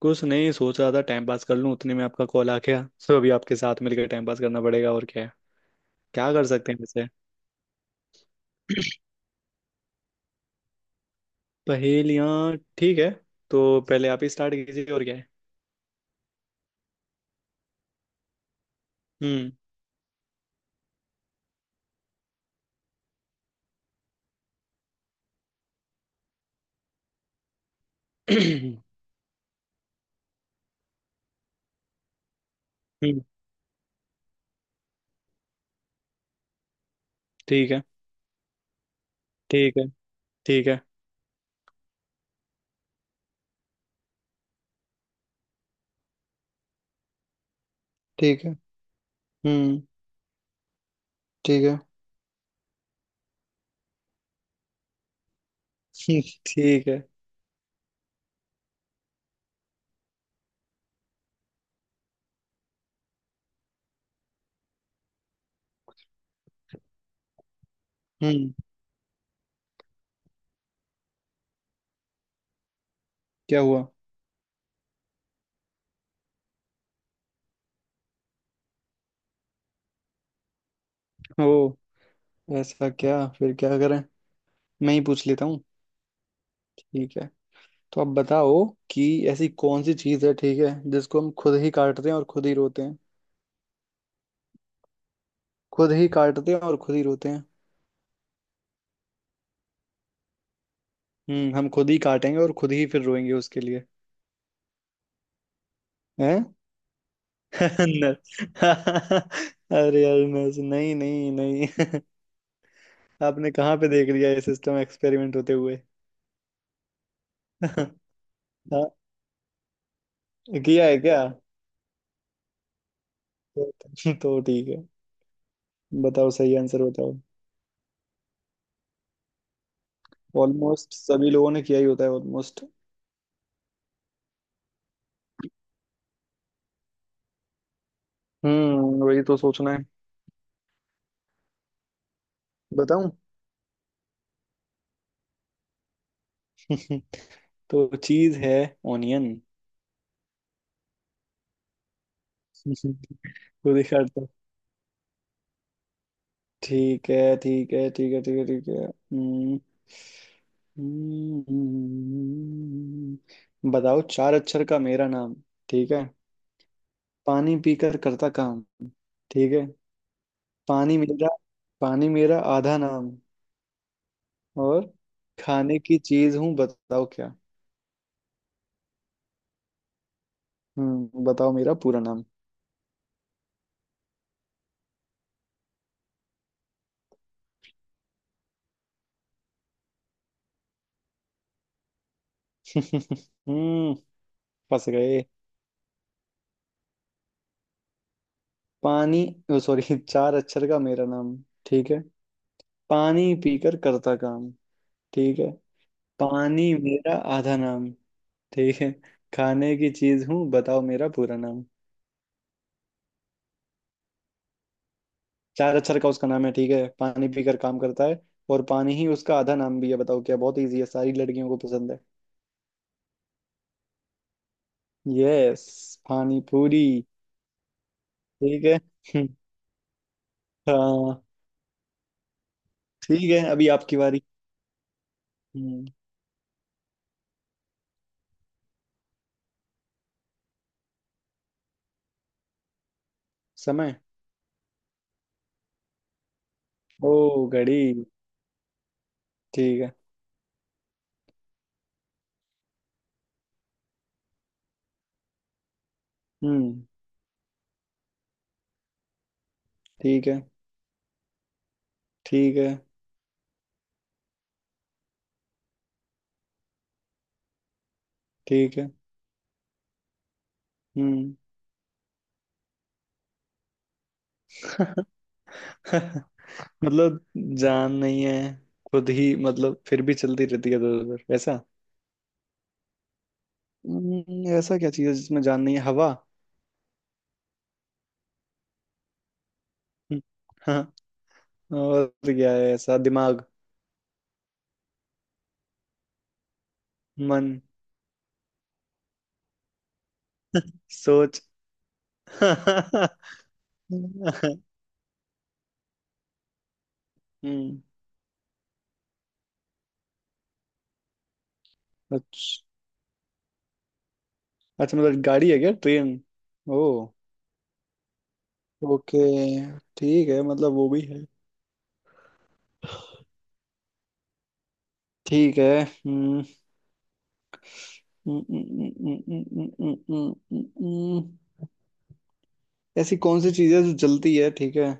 कुछ नहीं, सोच रहा था टाइम पास कर लूं, उतने में आपका कॉल आ गया। सो अभी आपके साथ मिलकर टाइम पास करना पड़ेगा, और क्या है। क्या कर सकते हैं वैसे। पहेलियाँ, ठीक है। तो पहले आप ही स्टार्ट कीजिए, और क्या है। हम्म। हम्म, ठीक है, ठीक है, ठीक है, ठीक है। हम्म, ठीक है। ठीक है। हम्म, क्या हुआ? ओ, ऐसा क्या? फिर क्या करें, मैं ही पूछ लेता हूँ। ठीक है, तो आप बताओ कि ऐसी कौन सी चीज़ है, ठीक है, जिसको हम खुद ही काटते हैं और खुद ही रोते हैं। खुद ही काटते हैं और खुद ही रोते हैं। हम्म, हम खुद ही काटेंगे और खुद ही फिर रोएंगे उसके लिए। हैं? न- अरे यार, नहीं नहीं नहीं। आपने कहाँ पे देख लिया ये सिस्टम एक्सपेरिमेंट होते हुए? हाँ, किया है क्या? तो तो ठीक है, बताओ सही आंसर बताओ। ऑलमोस्ट सभी लोगों ने किया ही होता है, ऑलमोस्ट। हम्म, वही तो सोचना है। बताऊं? तो चीज है ऑनियन। खुद ही काटते हैं। ठीक है, ठीक है, ठीक है, ठीक है, ठीक है। हम्म। हम्म। हम्म। बताओ, चार अक्षर का मेरा नाम। ठीक है, पानी पीकर करता काम। ठीक है, पानी मेरा, पानी मेरा आधा नाम। और खाने की चीज हूँ, बताओ क्या। हम्म, बताओ मेरा पूरा नाम। हम्म। फंस गए। पानी। ओ सॉरी। चार अक्षर का मेरा नाम, ठीक है। पानी पीकर करता काम, ठीक है। पानी मेरा आधा नाम, ठीक है। खाने की चीज हूँ, बताओ मेरा पूरा नाम। चार अक्षर का उसका नाम है, ठीक है, पानी पीकर काम करता है, और पानी ही उसका आधा नाम भी है। बताओ क्या, बहुत इजी है, सारी लड़कियों को पसंद है। यस, पानी पूरी। ठीक है। हाँ। ठीक है, अभी आपकी बारी। हम्म, समय। ओ, घड़ी। ठीक है। हम्म, ठीक है, ठीक है, ठीक है। हम्म। मतलब जान नहीं है, खुद ही मतलब फिर भी चलती रहती है इधर उधर ऐसा। ऐसा क्या चीज है जिसमें जान नहीं है? हवा। हम्म, हाँ। और क्या है ऐसा? दिमाग, मन, सोच। हम्म, अच्छा। अच्छा मतलब गाड़ी है क्या, ट्रेन? Oh, okay. ठीक है, मतलब वो भी है। ठीक है। हम्म, हम्म, हम्म, हम्म, हम्म, हम्म, हम्म, हम्म, हम्म। ऐसी कौन सी चीज है जो जलती है, ठीक है,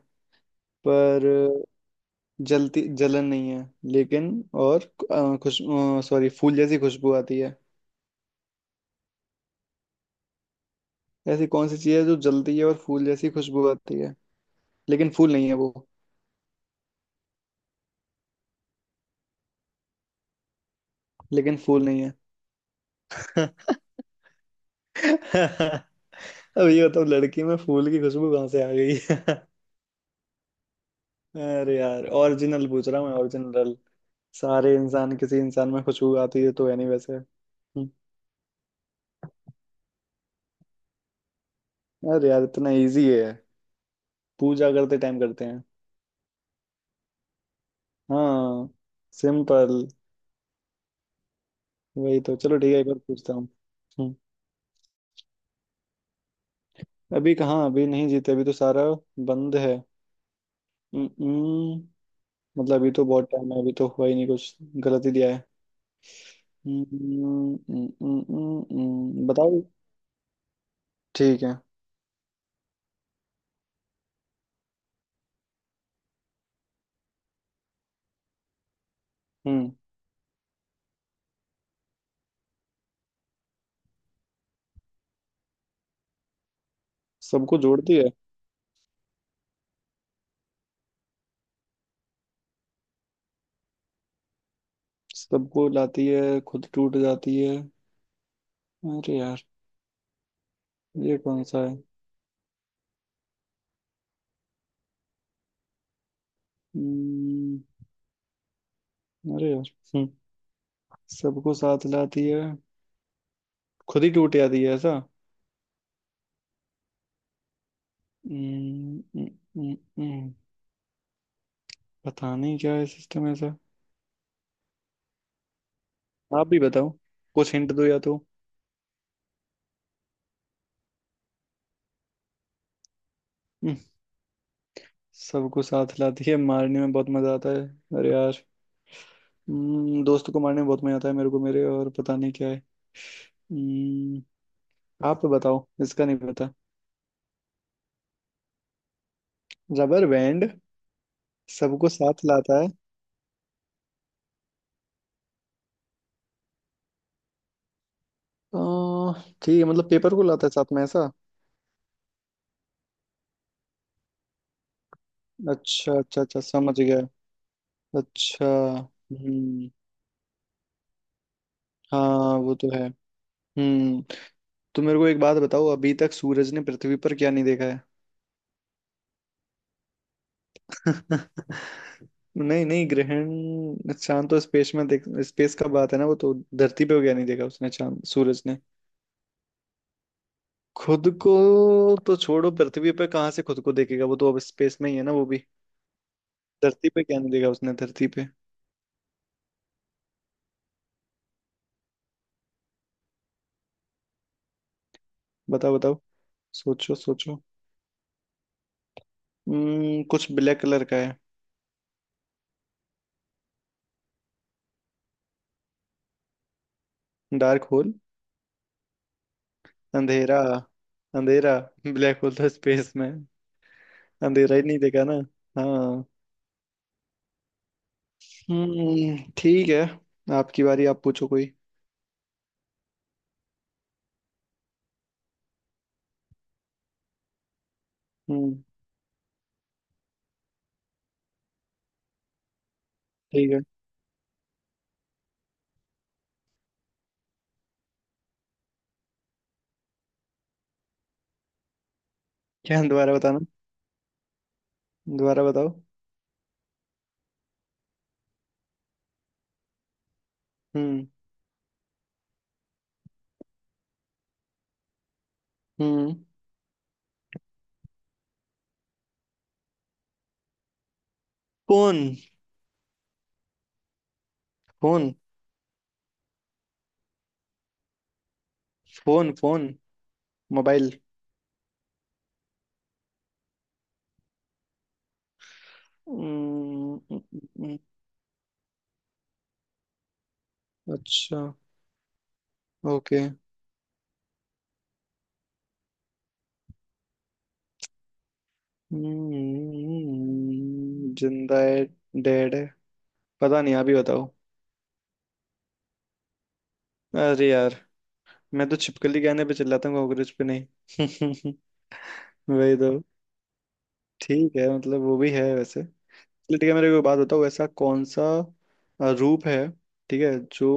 पर जलती जलन नहीं है लेकिन। और अ, खुश सॉरी फूल जैसी खुशबू आती है। ऐसी कौन सी चीज है जो जलती है और फूल जैसी खुशबू आती है, लेकिन फूल नहीं है वो। लेकिन फूल नहीं है। अब ये बताओ लड़की में फूल की खुशबू कहाँ से आ गई? अरे यार, ओरिजिनल पूछ रहा हूँ मैं, ओरिजिनल। सारे इंसान, किसी इंसान में खुशबू आती है तो है नहीं वैसे। हम्म, अरे यार इतना इजी है। पूजा करते टाइम करते हैं। हाँ, सिंपल। वही तो। चलो ठीक है, एक और पूछता हूँ। हम्म। अभी कहाँ, अभी नहीं जीते, अभी तो सारा बंद है। हम्म, मतलब अभी तो बहुत टाइम है, अभी तो हुआ ही नहीं कुछ। गलत ही दिया है। बताओ। ठीक है। हम्म। सबको जोड़ती है? सबको लाती है, खुद टूट जाती है। अरे यार, ये कौन सा है? हम्म, अरे यार। हम्म, सबको साथ लाती है, खुद ही टूट जाती है ऐसा। हम्म, हम्म, हम्म, हम्म। पता नहीं क्या है सिस्टम ऐसा। आप भी बताओ, कुछ हिंट दो या तो। हम्म, सबको साथ लाती है, मारने में बहुत मजा आता है। अरे यार। दोस्त को मारने में बहुत मजा आता है, मेरे को, मेरे और पता नहीं क्या है। हम्म, आप बताओ, इसका नहीं पता। Rubber band? सबको साथ लाता है? अह, ठीक है, मतलब पेपर को लाता है साथ में ऐसा। अच्छा, अच्छा, अच्छा, समझ गया। अच्छा। हम्म, हाँ वो तो है। हम्म। तो मेरे को एक बात बताओ, अभी तक सूरज ने पृथ्वी पर क्या नहीं देखा है? नहीं नहीं, ग्रहण चांद तो स्पेस में देख, स्पेस का बात है ना, वो तो धरती पे हो गया, नहीं देखा उसने चांद सूरज ने। खुद को? तो छोड़ो, पृथ्वी पे कहाँ से खुद को देखेगा, वो तो अब स्पेस में ही है ना वो भी। धरती पे क्या नहीं देखा उसने धरती पे? बताओ बताओ, सोचो सोचो। हम्म, कुछ ब्लैक कलर का है। Dark hole? अंधेरा, अंधेरा। ब्लैक होल तो स्पेस में है। अंधेरा ही नहीं देखा ना। हाँ। हम्म, ठीक है। आपकी बारी, आप पूछो कोई। हम्म, ठीक है। क्या, दोबारा बताना? दोबारा बताओ। हम्म। हम्म। Phone. Phone. Phone, phone. Mobile. हम्म, हम्म, अच्छा, ओके। जिंदा है, डेड है, पता नहीं, आप ही बताओ। अरे यार, मैं तो छिपकली गाने पे चिल्लाता हूँ कांग्रेस पे नहीं। वही तो। ठीक है, मतलब वो भी है वैसे। ठीक है, मेरे को एक बात बताओ, ऐसा कौन सा रूप है, ठीक है, जो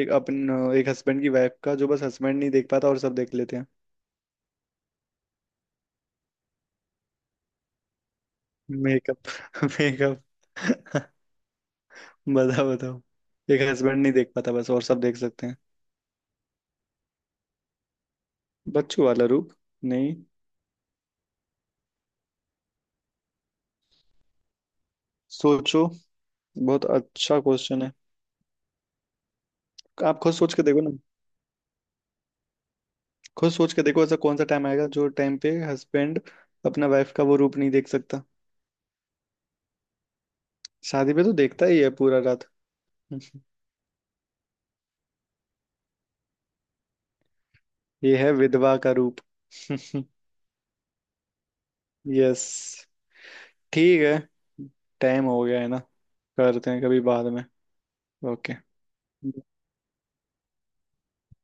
एक हस्बैंड की वाइफ का जो बस हस्बैंड नहीं देख पाता और सब देख लेते हैं? मेकअप? मेकअप। बताओ बताओ, एक हस्बैंड नहीं देख पाता बस, और सब देख सकते हैं। बच्चों वाला रूप, नहीं। सोचो, बहुत अच्छा क्वेश्चन है। आप खुद सोच के देखो ना। खुद सोच के देखो, ऐसा कौन सा टाइम आएगा जो टाइम पे हस्बैंड अपना वाइफ का वो रूप नहीं देख सकता? शादी पे तो देखता ही है पूरा रात। ये है विधवा का रूप। यस। ठीक है, टाइम हो गया है ना, करते हैं कभी बाद में। ओके।